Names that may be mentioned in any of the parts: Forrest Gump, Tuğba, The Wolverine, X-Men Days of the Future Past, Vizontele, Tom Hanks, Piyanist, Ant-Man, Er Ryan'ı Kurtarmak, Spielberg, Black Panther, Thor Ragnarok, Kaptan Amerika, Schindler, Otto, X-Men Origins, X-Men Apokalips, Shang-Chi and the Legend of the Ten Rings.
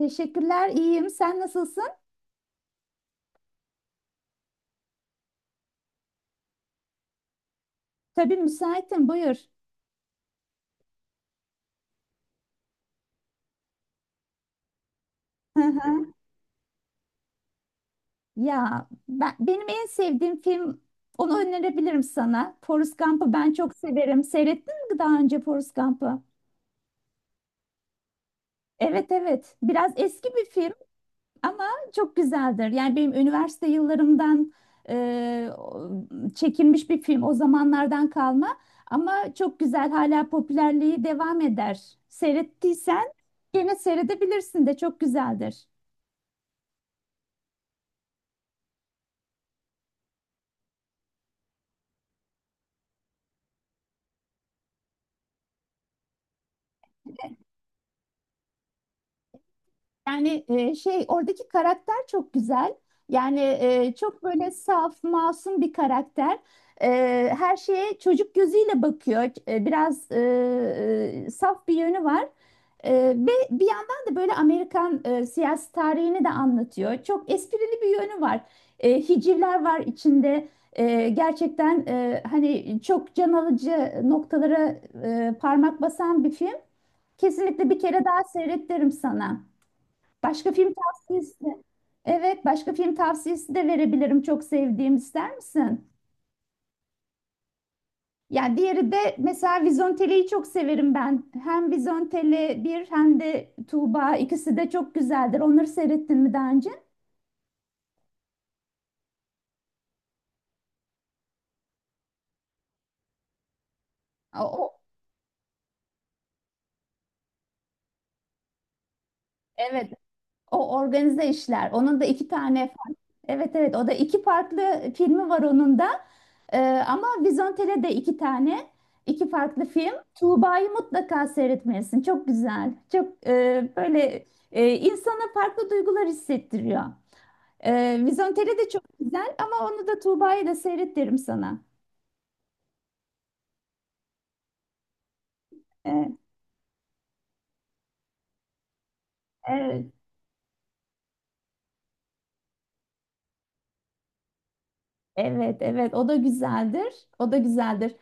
Teşekkürler, iyiyim. Sen nasılsın? Tabii müsaitim, buyur. Hı hı. Ya benim en sevdiğim film, onu önerebilirim sana. Forrest Gump'ı ben çok severim. Seyrettin mi daha önce Forrest Gump'ı? Evet, evet. Biraz eski bir film ama çok güzeldir. Yani benim üniversite yıllarımdan e, o- çekilmiş bir film. O zamanlardan kalma. Ama çok güzel. Hala popülerliği devam eder. Seyrettiysen gene seyredebilirsin de çok güzeldir. Yani şey oradaki karakter çok güzel. Yani çok böyle saf, masum bir karakter. E, Her şeye çocuk gözüyle bakıyor. Biraz saf bir yönü var. Ve bir yandan da böyle Amerikan siyasi tarihini de anlatıyor. Çok esprili bir yönü var. Hicivler var içinde. Gerçekten hani çok can alıcı noktalara parmak basan bir film. Kesinlikle bir kere daha seyrettiririm sana. Başka film tavsiyesi. Evet, başka film tavsiyesi de verebilirim. Çok sevdiğim, ister misin? Yani diğeri de mesela Vizontele'yi çok severim ben. Hem Vizontele bir hem de Tuğba, ikisi de çok güzeldir. Onları seyrettin mi daha önce? O, o- evet. O organize işler. Onun da iki tane farklı. Evet, evet, o da iki farklı filmi var onun da. Ee, Ama Vizontele de iki tane. İki farklı film. Tuğba'yı mutlaka seyretmelisin. Çok güzel. Çok böyle insana farklı duygular hissettiriyor. Vizontele de çok güzel, ama onu da Tuğba'yı da seyret derim sana. Evet, evet, evet, evet. O da güzeldir. O da güzeldir.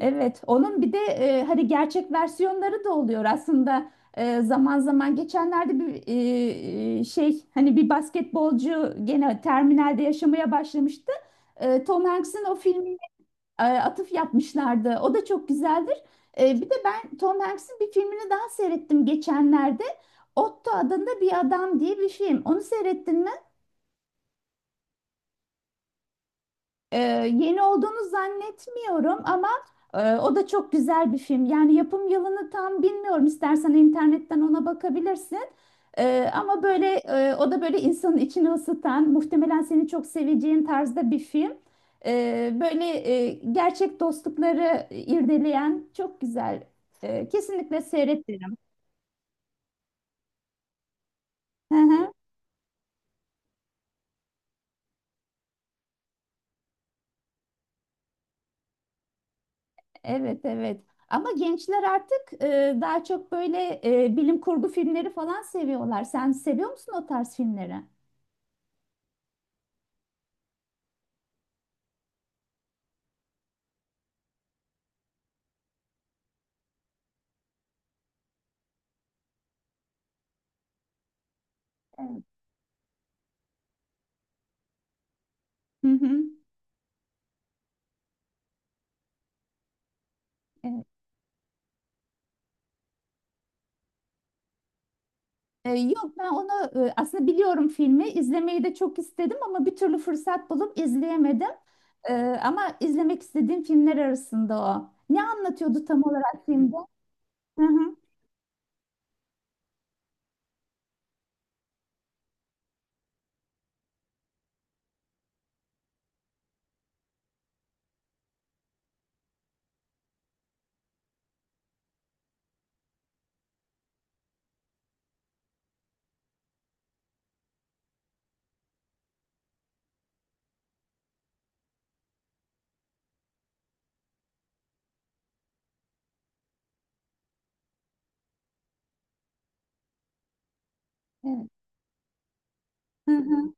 Evet, onun bir de hani gerçek versiyonları da oluyor aslında. Zaman zaman geçenlerde bir şey, hani bir basketbolcu gene terminalde yaşamaya başlamıştı. Tom Hanks'in o filmine atıf yapmışlardı. O da çok güzeldir. Bir de ben Tom Hanks'in bir filmini daha seyrettim geçenlerde. Otto adında bir adam diye bir film. Onu seyrettin mi? Ee, Yeni olduğunu zannetmiyorum ama o da çok güzel bir film. Yani yapım yılını tam bilmiyorum. İstersen internetten ona bakabilirsin. Ama böyle o da böyle insanın içini ısıtan, muhtemelen seni çok seveceğin tarzda bir film. Böyle gerçek dostlukları irdeleyen, çok güzel. Kesinlikle seyret derim. Hı hı. Evet, evet. Ama gençler artık daha çok böyle bilim kurgu filmleri falan seviyorlar. Sen seviyor musun o tarz filmleri? Evet. Hı hı. Evet. Yok, ben onu aslında biliyorum filmi. İzlemeyi de çok istedim ama bir türlü fırsat bulup izleyemedim. Ama izlemek istediğim filmler arasında o. Ne anlatıyordu tam olarak filmde? Hı hı. Evet. Hı hı.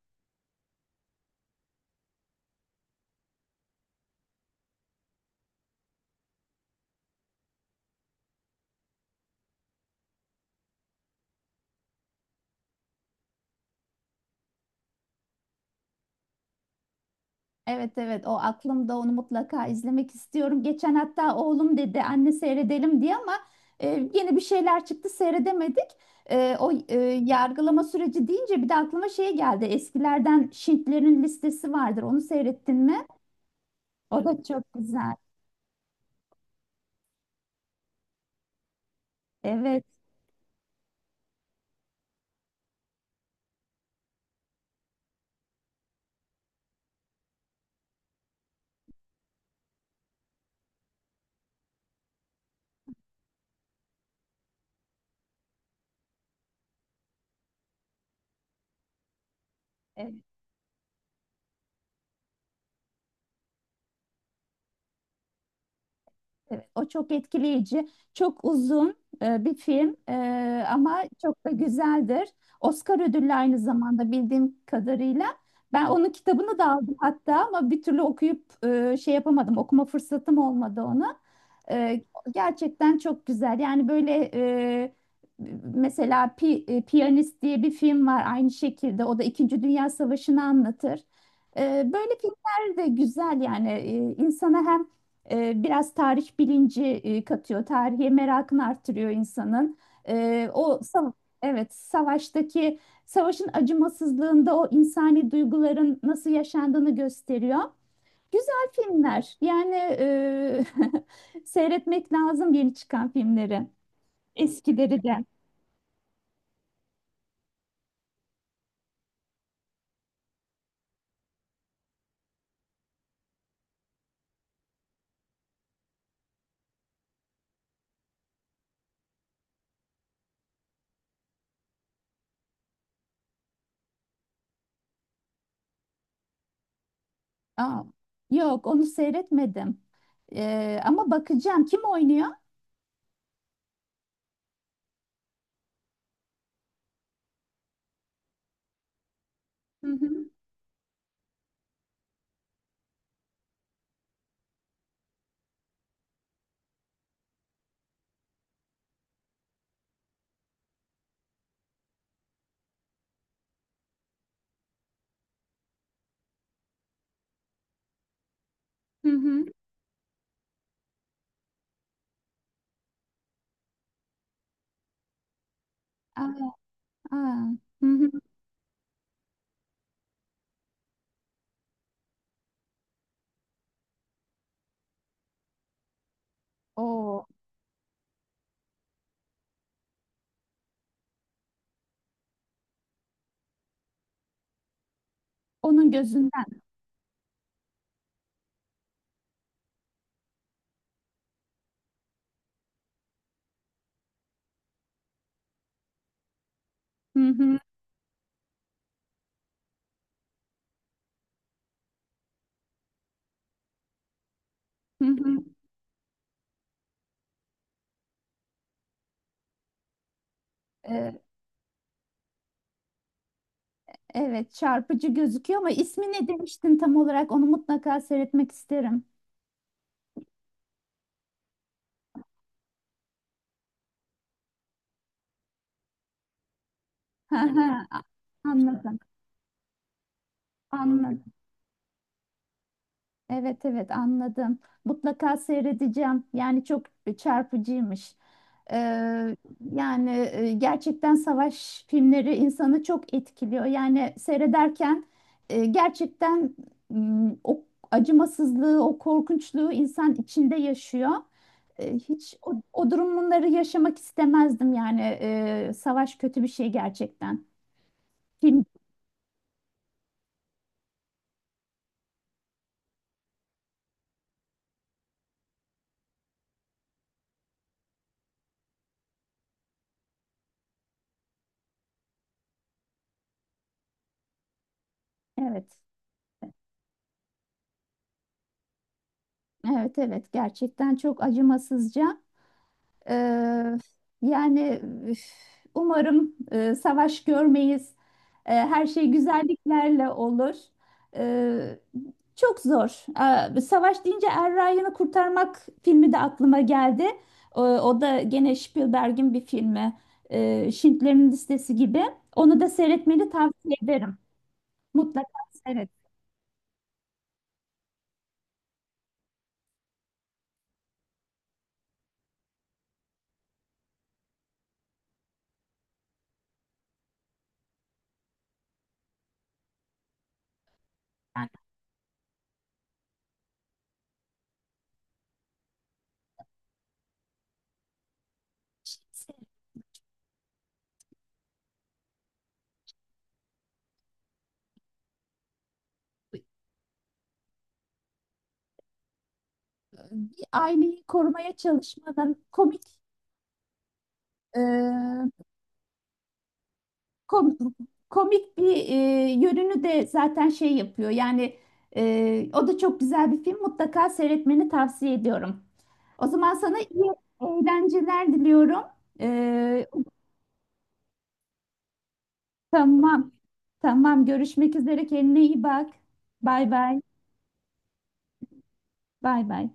Evet, evet, o aklımda, onu mutlaka izlemek istiyorum. Geçen hatta oğlum dedi "anne seyredelim" diye ama e, yeni bir şeyler çıktı, seyredemedik. O yargılama süreci deyince bir de aklıma şey geldi. Eskilerden Schindler'in Listesi vardır. Onu seyrettin mi? O da çok güzel. Evet. Evet, o çok etkileyici. Çok uzun bir film ama çok da güzeldir. Oscar ödüllü aynı zamanda, bildiğim kadarıyla. Ben onun kitabını da aldım hatta ama bir türlü okuyup şey yapamadım. Okuma fırsatım olmadı onu. E, Gerçekten çok güzel. Yani böyle mesela Piyanist diye bir film var aynı şekilde. O da İkinci Dünya Savaşı'nı anlatır. Böyle filmler de güzel yani. İnsana hem biraz tarih bilinci katıyor, tarihe merakını artırıyor insanın. E, o sa- evet, savaşın acımasızlığında o insani duyguların nasıl yaşandığını gösteriyor. Güzel filmler. Yani seyretmek lazım yeni çıkan filmleri, eskileri de. Aa, yok, onu seyretmedim. Ama bakacağım. Kim oynuyor? Hı hı, hı hı. Aa, aa, hı hı. O, onun gözünden. Hı hı, hı hı. Ee, evet, çarpıcı gözüküyor ama ismi ne demiştin tam olarak? Onu mutlaka seyretmek isterim. Hı hı, a- anladım. Anladım. Evet, evet, anladım. Mutlaka seyredeceğim. Yani çok çarpıcıymış. Eee, Yani gerçekten savaş filmleri insanı çok etkiliyor. Yani seyrederken gerçekten o acımasızlığı, o korkunçluğu insan içinde yaşıyor. Hiç o durumları yaşamak istemezdim yani. Savaş kötü bir şey gerçekten. Kim? Evet. Evet, evet, gerçekten çok acımasızca. Eee, Yani, üf, umarım savaş görmeyiz. Her şey güzelliklerle olur. E, Çok zor. Savaş deyince Er Ryan'ı Kurtarmak filmi de aklıma geldi. O da gene Spielberg'in bir filmi. Schindler'in Listesi gibi. Onu da seyretmeni tavsiye ederim. Mutlaka seyret. Yani aileyi korumaya çalışmanın Kom- komik bir yönünü de zaten şey yapıyor. Yani o da çok güzel bir film. Mutlaka seyretmeni tavsiye ediyorum. O zaman sana iyi eğlenceler diliyorum. E, tamam. Tamam. Görüşmek üzere. Kendine iyi bak. Bay bay. Bay bay.